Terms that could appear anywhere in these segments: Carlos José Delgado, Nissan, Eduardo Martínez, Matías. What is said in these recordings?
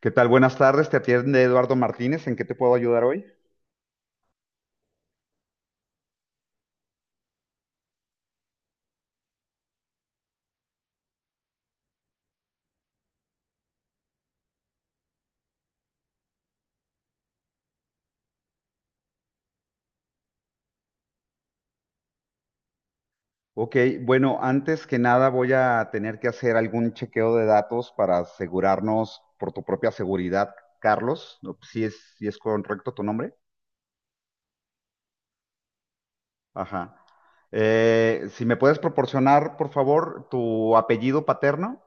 ¿Qué tal? Buenas tardes, te atiende Eduardo Martínez. ¿En qué te puedo ayudar hoy? Ok, bueno, antes que nada voy a tener que hacer algún chequeo de datos para asegurarnos por tu propia seguridad, Carlos. ¿No? Si es correcto tu nombre. Ajá. Si me puedes proporcionar, por favor, tu apellido paterno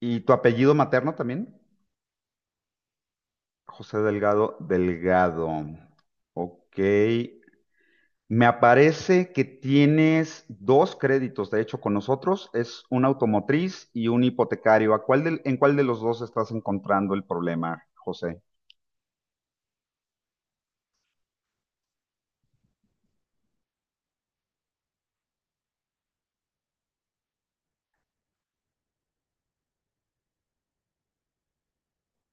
y tu apellido materno también. José Delgado, Delgado. Ok. Me aparece que tienes dos créditos, de hecho, con nosotros. Es un automotriz y un hipotecario. ¿En cuál de los dos estás encontrando el problema, José?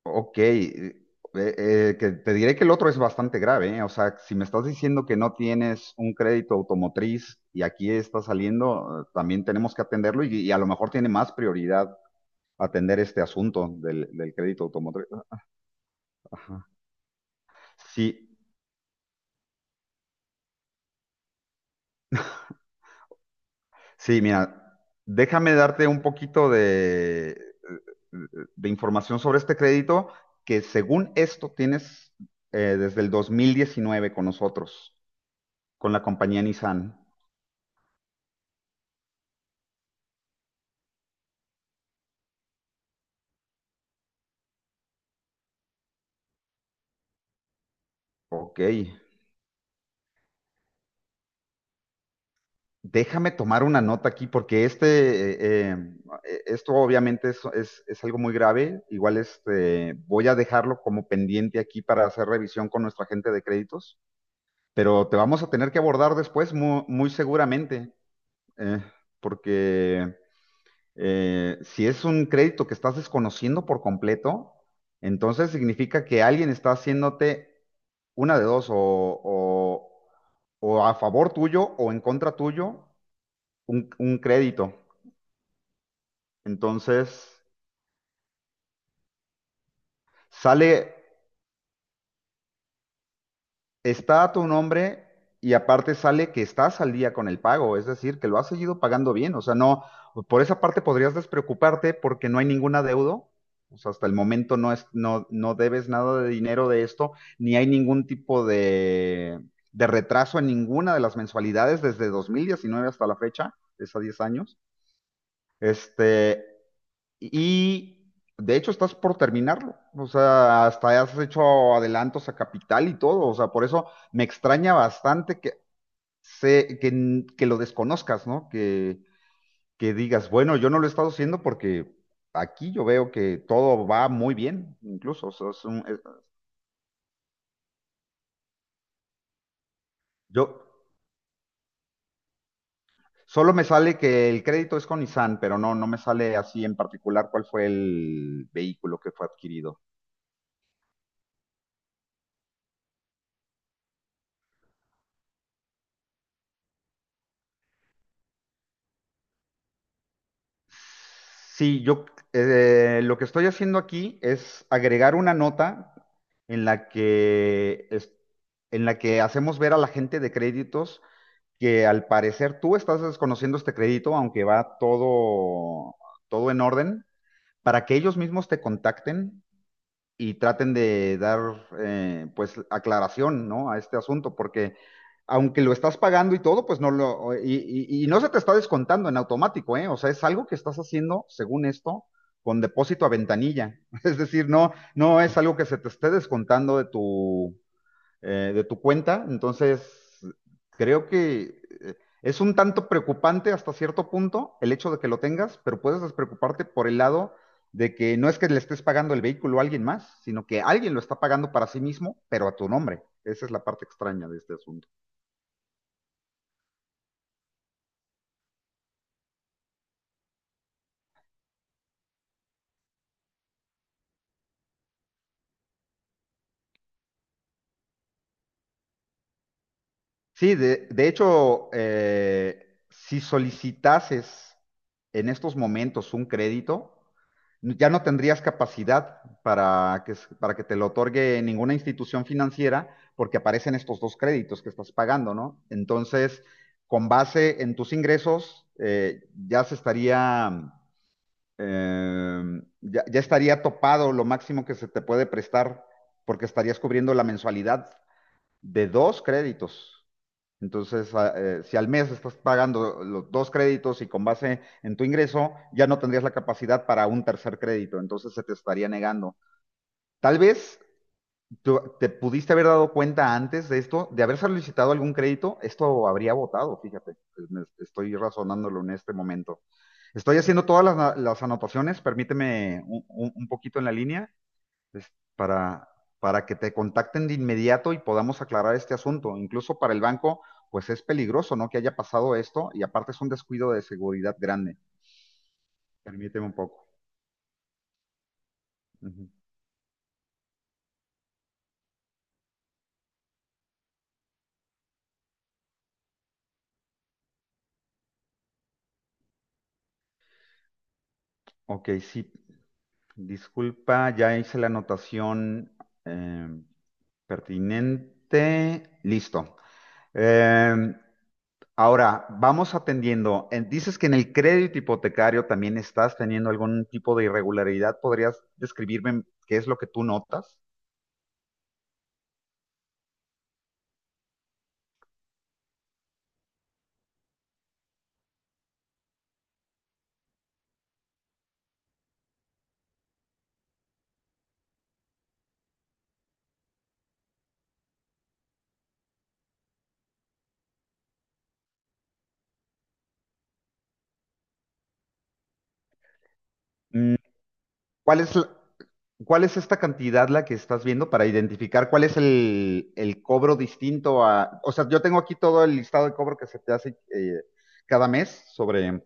Ok. Que te diré que el otro es bastante grave, ¿eh? O sea, si me estás diciendo que no tienes un crédito automotriz y aquí está saliendo, también tenemos que atenderlo y a lo mejor tiene más prioridad atender este asunto del crédito automotriz. Sí, sí, mira, déjame darte un poquito de información sobre este crédito que según esto tienes desde el 2019 con nosotros, con la compañía Nissan. Ok, déjame tomar una nota aquí porque esto obviamente es algo muy grave. Igual este, voy a dejarlo como pendiente aquí para hacer revisión con nuestra gente de créditos, pero te vamos a tener que abordar después muy seguramente. eh, porque si es un crédito que estás desconociendo por completo, entonces significa que alguien está haciéndote una de dos, o a favor tuyo o en contra tuyo, un crédito. Entonces, sale está a tu nombre y aparte sale que estás al día con el pago, es decir, que lo has seguido pagando bien. O sea, no, por esa parte podrías despreocuparte porque no hay ningún adeudo. O sea, hasta el momento no es, no, no debes nada de dinero de esto, ni hay ningún tipo de retraso en ninguna de las mensualidades desde 2019 hasta la fecha, es a 10 años. Este, y de hecho estás por terminarlo. O sea, hasta has hecho adelantos a capital y todo. O sea, por eso me extraña bastante que, que lo desconozcas, ¿no? Que digas, bueno, yo no lo he estado haciendo porque aquí yo veo que todo va muy bien, incluso. O sea, yo solo me sale que el crédito es con Nissan, pero no, no me sale así en particular cuál fue el vehículo que fue adquirido. Sí, yo lo que estoy haciendo aquí es agregar una nota en la que es- en la que hacemos ver a la gente de créditos que al parecer tú estás desconociendo este crédito, aunque va todo en orden, para que ellos mismos te contacten y traten de dar pues aclaración, ¿no? A este asunto, porque aunque lo estás pagando y todo, pues no lo, y no se te está descontando en automático, ¿eh? O sea, es algo que estás haciendo, según esto, con depósito a ventanilla. Es decir, no, no es algo que se te esté descontando de tu cuenta. Entonces, creo que es un tanto preocupante hasta cierto punto el hecho de que lo tengas, pero puedes despreocuparte por el lado de que no es que le estés pagando el vehículo a alguien más, sino que alguien lo está pagando para sí mismo, pero a tu nombre. Esa es la parte extraña de este asunto. Sí, de hecho, si solicitases en estos momentos un crédito, ya no tendrías capacidad para para que te lo otorgue ninguna institución financiera porque aparecen estos dos créditos que estás pagando, ¿no? Entonces, con base en tus ingresos, eh, ya estaría topado lo máximo que se te puede prestar porque estarías cubriendo la mensualidad de dos créditos. Entonces, si al mes estás pagando los dos créditos y con base en tu ingreso, ya no tendrías la capacidad para un tercer crédito, entonces se te estaría negando. Tal vez te pudiste haber dado cuenta antes de esto, de haber solicitado algún crédito, esto habría votado, fíjate, estoy razonándolo en este momento. Estoy haciendo las anotaciones, permíteme un poquito en la línea es para que te contacten de inmediato y podamos aclarar este asunto. Incluso para el banco, pues es peligroso, ¿no? Que haya pasado esto y aparte es un descuido de seguridad grande. Permíteme un poco. Ujú. Ok, sí. Disculpa, ya hice la anotación eh, pertinente. Listo. Eh, Ahora, vamos atendiendo. Dices que en el crédito hipotecario también estás teniendo algún tipo de irregularidad. ¿Podrías describirme qué es lo que tú notas? Mm, ¿Cuál es, la- ¿Cuál es esta cantidad la que estás viendo para identificar cuál es el cobro distinto a... O sea, yo tengo aquí todo el listado de cobro que se te hace cada mes sobre...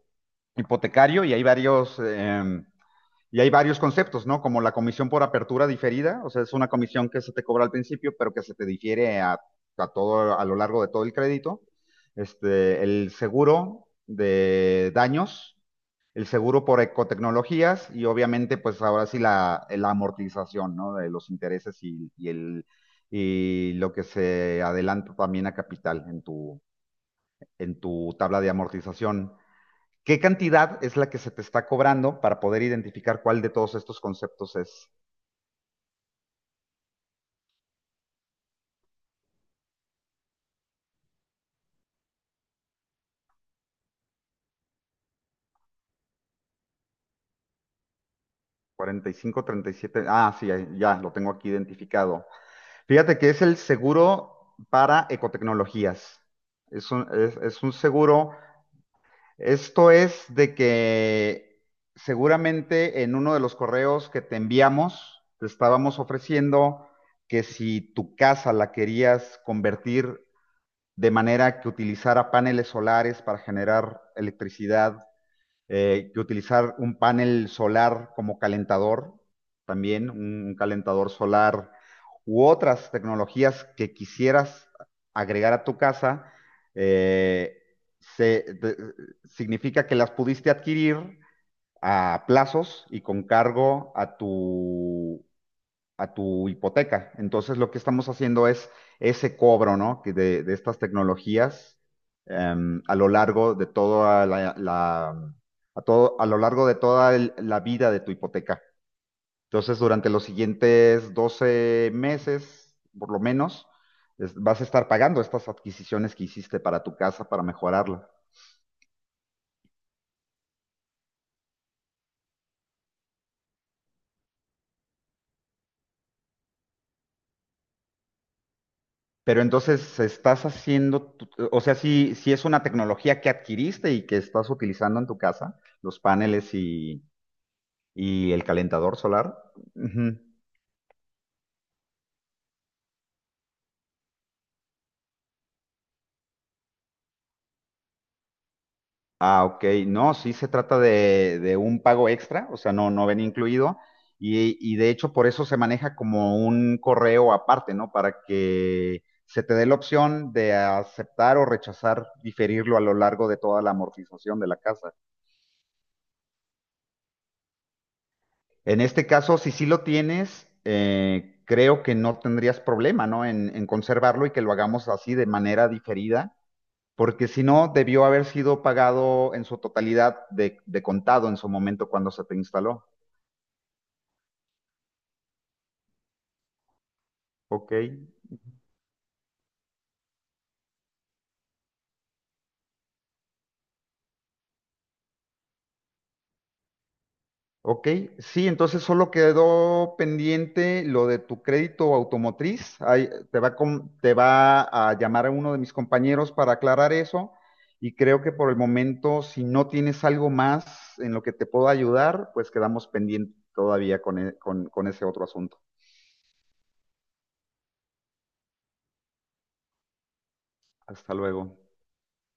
hipotecario y hay varios conceptos, ¿no? Como la comisión por apertura diferida, o sea, es una comisión que se te cobra al principio, pero que se te difiere a todo a lo largo de todo el crédito. Este, el seguro de daños, el seguro por ecotecnologías y obviamente, pues ahora sí la amortización, ¿no? De los intereses y el y lo que se adelanta también a capital en tu tabla de amortización. ¿Qué cantidad es la que se te está cobrando para poder identificar cuál de todos estos conceptos es? 45.37. Ah, sí, ya lo tengo aquí identificado. Fíjate que es el seguro para ecotecnologías. Es un seguro. Esto es de que seguramente en uno de los correos que te enviamos, te estábamos ofreciendo que si tu casa la querías convertir de manera que utilizara paneles solares para generar electricidad que utilizar un panel solar como calentador, también un calentador solar u otras tecnologías que quisieras agregar a tu casa, eh, se, te- significa que las pudiste adquirir a plazos y con cargo a tu hipoteca. Entonces, lo que estamos haciendo es ese cobro, ¿no? Que de estas tecnologías a lo largo de a todo, a lo largo de la vida de tu hipoteca. Entonces, durante los siguientes 12 meses, por lo menos, vas a estar pagando estas adquisiciones que hiciste para tu casa para mejorarla. Pero entonces estás haciendo, o sea, si es una tecnología que adquiriste y que estás utilizando en tu casa, los paneles y ¿y el calentador solar? Ujú. Ah, ok. No, sí se trata de un pago extra, o sea, no, no ven incluido. Y de hecho, por eso se maneja como un correo aparte, ¿no? Para que se te dé la opción de aceptar o rechazar, diferirlo a lo largo de toda la amortización de la casa. En este caso, si sí lo tienes, creo que no tendrías problema, ¿no? En conservarlo y que lo hagamos así de manera diferida porque si no, debió haber sido pagado en su totalidad de contado en su momento cuando se te instaló. Ok, ok. Sí, entonces solo quedó pendiente lo de tu crédito automotriz. Ahí te va, te va a llamar a uno de mis compañeros para aclarar eso. Y creo que por el momento, si no tienes algo más en lo que te puedo ayudar, pues quedamos pendientes todavía con, e- con con ese otro asunto. Hasta luego.